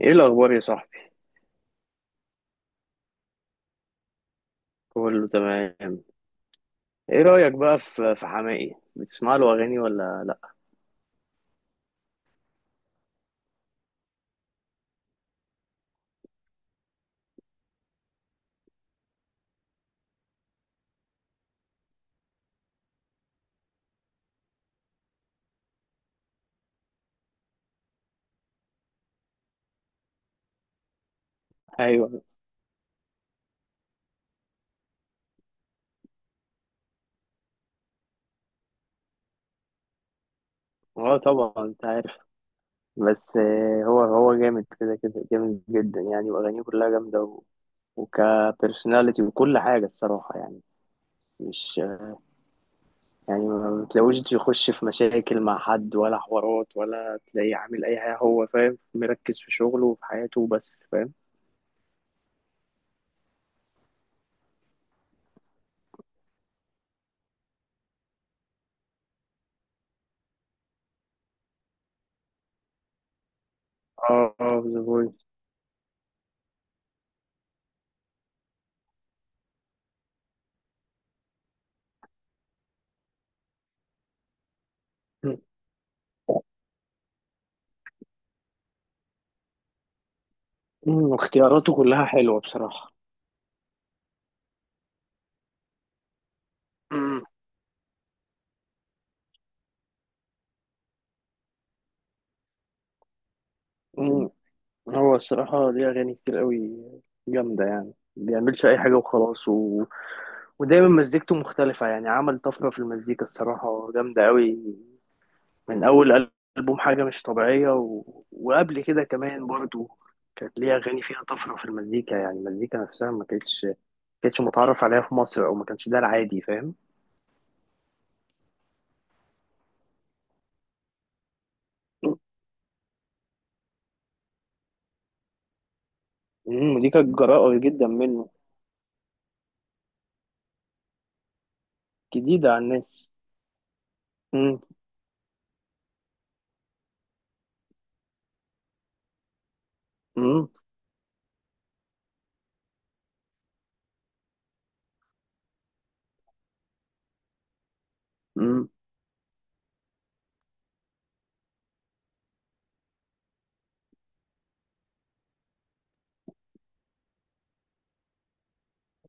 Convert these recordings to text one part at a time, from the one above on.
ايه الاخبار يا صاحبي؟ كله تمام. ايه رايك بقى في حماقي؟ بتسمع له اغاني ولا لا؟ ايوه. اه طبعا، انت عارف. بس هو جامد، كده كده جامد جدا يعني، واغانيه كلها جامده وكبرسوناليتي وكل حاجه الصراحه يعني. مش يعني ما بتلاقوش يخش في مشاكل مع حد ولا حوارات ولا تلاقيه عامل اي حاجه، هو فاهم، مركز في شغله وفي حياته، بس فاهم. اه اه The Voice. واختياراته كلها حلوه بصراحه. مم. هو الصراحة ليه أغاني كتير قوي جامدة يعني، ما بيعملش أي حاجة وخلاص ودايما مزيكته مختلفة، يعني عمل طفرة في المزيكا الصراحة جامدة قوي، من أول ألبوم حاجة مش طبيعية، و... وقبل كده كمان برضو كانت ليه أغاني فيها طفرة في المزيكا، يعني المزيكا نفسها ما كانتش ما كانتش متعرف عليها في مصر، أو ما كانش ده العادي فاهم. مم. ودي كانت جراءة جدا منه، جديدة على الناس. مم. مم. مم.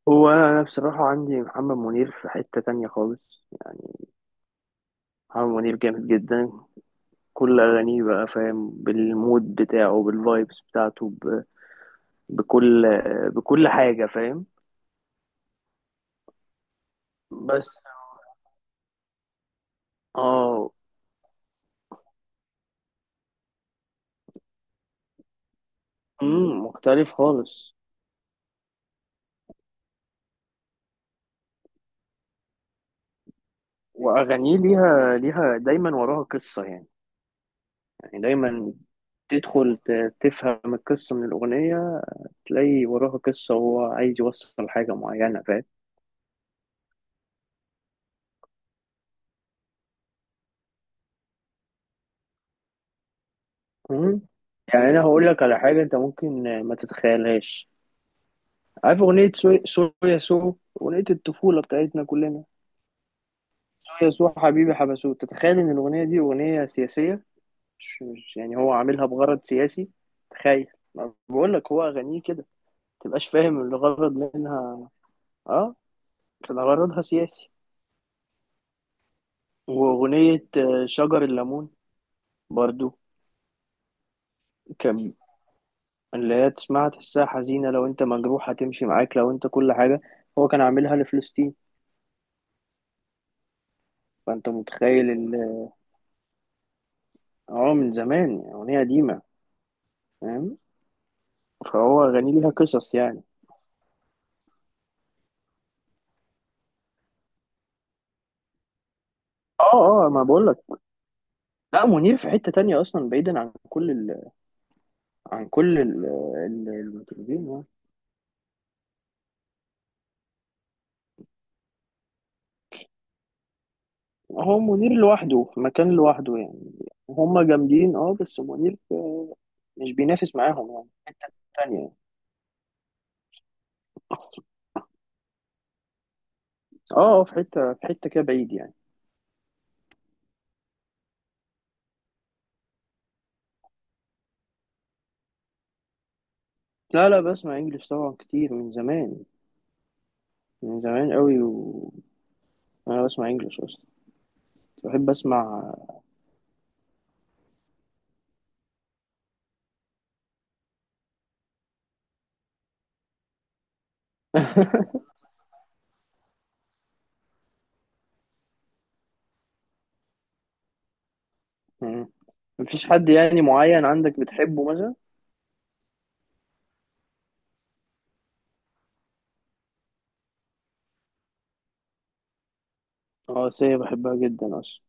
هو أنا بصراحة عندي محمد منير في حتة تانية خالص، يعني محمد منير جامد جدا، كل أغانيه بقى فاهم، بالمود بتاعه، بالفايبس بتاعته بكل بكل حاجة فاهم. بس. اه. امم. مختلف خالص. وأغانيه ليها دايما وراها قصة يعني، يعني دايما تدخل تفهم القصة من الأغنية، تلاقي وراها قصة وهو عايز يوصل حاجة معينة فاهم. مم. يعني أنا هقول لك على حاجة أنت ممكن ما تتخيلهاش، عارف أغنية سو سو يا سو؟ أغنية الطفولة بتاعتنا كلنا، سو يا سو حبيبي حبسوه، تتخيل إن الأغنية دي أغنية سياسية؟ مش يعني هو عاملها بغرض سياسي، تخيل، ما بقول لك هو أغانيه كده متبقاش فاهم الغرض منها. اه كان غرضها سياسي. وأغنية شجر الليمون برضو، كان اللي هي تسمعها تحسها حزينة، لو أنت مجروح هتمشي معاك، لو أنت كل حاجة، هو كان عاملها لفلسطين. فأنت متخيل اه من زمان، يعني أغنية قديمة فاهم. فهو أغانيه ليها قصص يعني. اه اه ما بقول لك، لا منير في حتة تانية أصلا بعيدا عن كل المطربين يعني. هو منير لوحده في مكان لوحده يعني، هما جامدين اه بس منير مش بينافس معاهم يعني، في حتة تانية يعني. اه في حتة كده بعيد يعني. لا لا بسمع انجلش طبعا كتير من زمان، من زمان قوي، وأنا بسمع انجلش أصلا، بحب أسمع. مم. مفيش حد يعني معين عندك بتحبه مثلا؟ اه سيا بحبها جدا أصلا.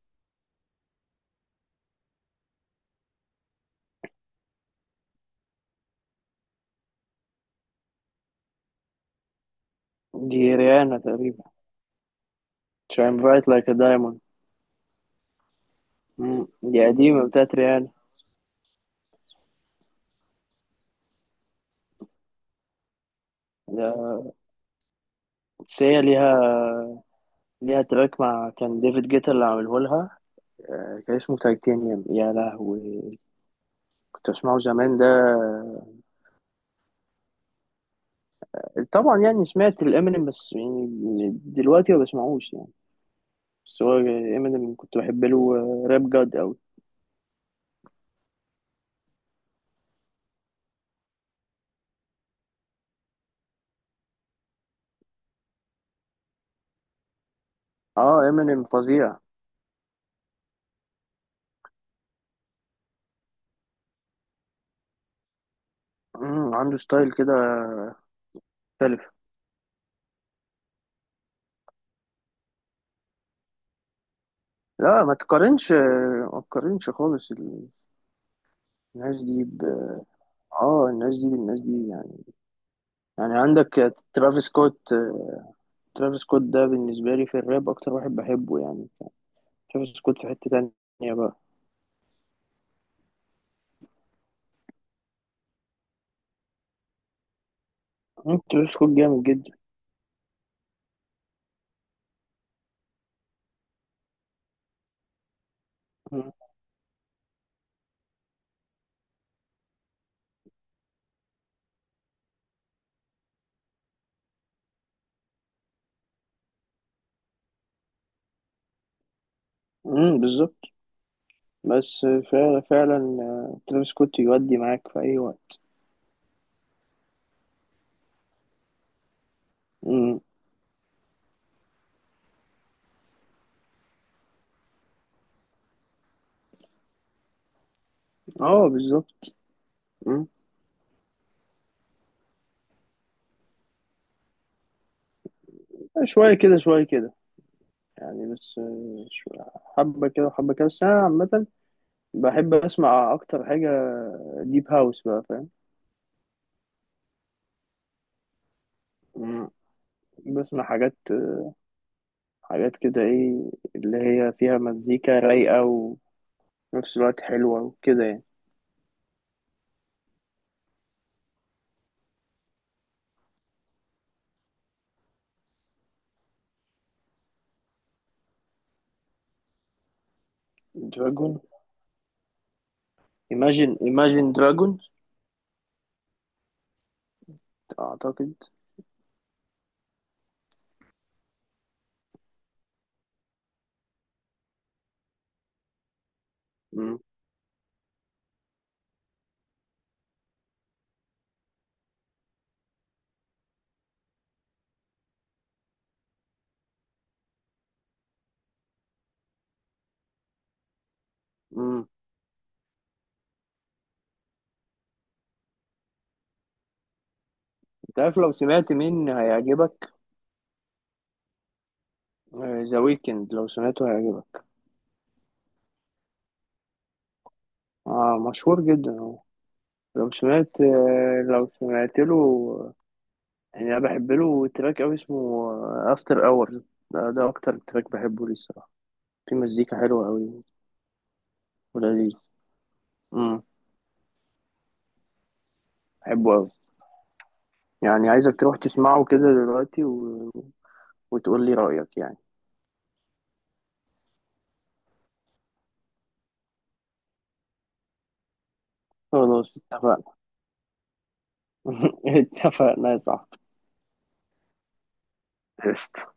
دي ريانا تقريبا، شاين برايت لايك دايموند، دي قديمة بتاعت ريانا. ده- بس هي ليها تراك مع كان ديفيد جيتا اللي عامله لها، كان اسمه تايتانيوم يا لهوي، كنت اسمعه زمان ده. طبعا يعني سمعت الامينيم، بس يعني دلوقتي ما بسمعوش يعني، بس هو امينيم كنت بحب له، راب جاد قوي. اه امينيم فظيع. عنده ستايل كده مختلف. لا ما تقارنش، ما تقارنش خالص، الناس دي اه الناس دي بالناس دي، يعني عندك ترافيس سكوت، ترافيس سكوت ده بالنسبة لي في الراب أكتر واحد بحبه يعني، ترافيس سكوت في حتة تانية بقى. ترافيس سكوت جامد جدا. مم، مم، بالظبط، بس فعلا فعلا، ترافيس سكوت يودي معاك في أي وقت. مم، اه بالظبط. مم. شوية كده شوية كده يعني، بس حبة كده وحبة كده، بس أنا عامة بحب أسمع أكتر حاجة ديب هاوس بقى فاهم. مم، بسمع حاجات كده ايه اللي هي فيها مزيكا رايقة وفي نفس الوقت حلوة وكده يعني. دراجون، Imagine Dragon، أعتقد. مم. مم. انت عارف لو سمعت مين هيعجبك؟ ذا ويكند لو سمعته هيعجبك. اه مشهور جدا هو. لو سمعت له، يعني انا بحب له تراك قوي اسمه افتر اور، ده اكتر تراك بحبه ليه الصراحه، في مزيكا حلوه قوي ولذيذ امم بحبه قوي. يعني عايزك تروح تسمعه كده دلوقتي وتقول لي رأيك يعني. خلاص اتفقنا. اتفقنا يا صاحبي، قشطة.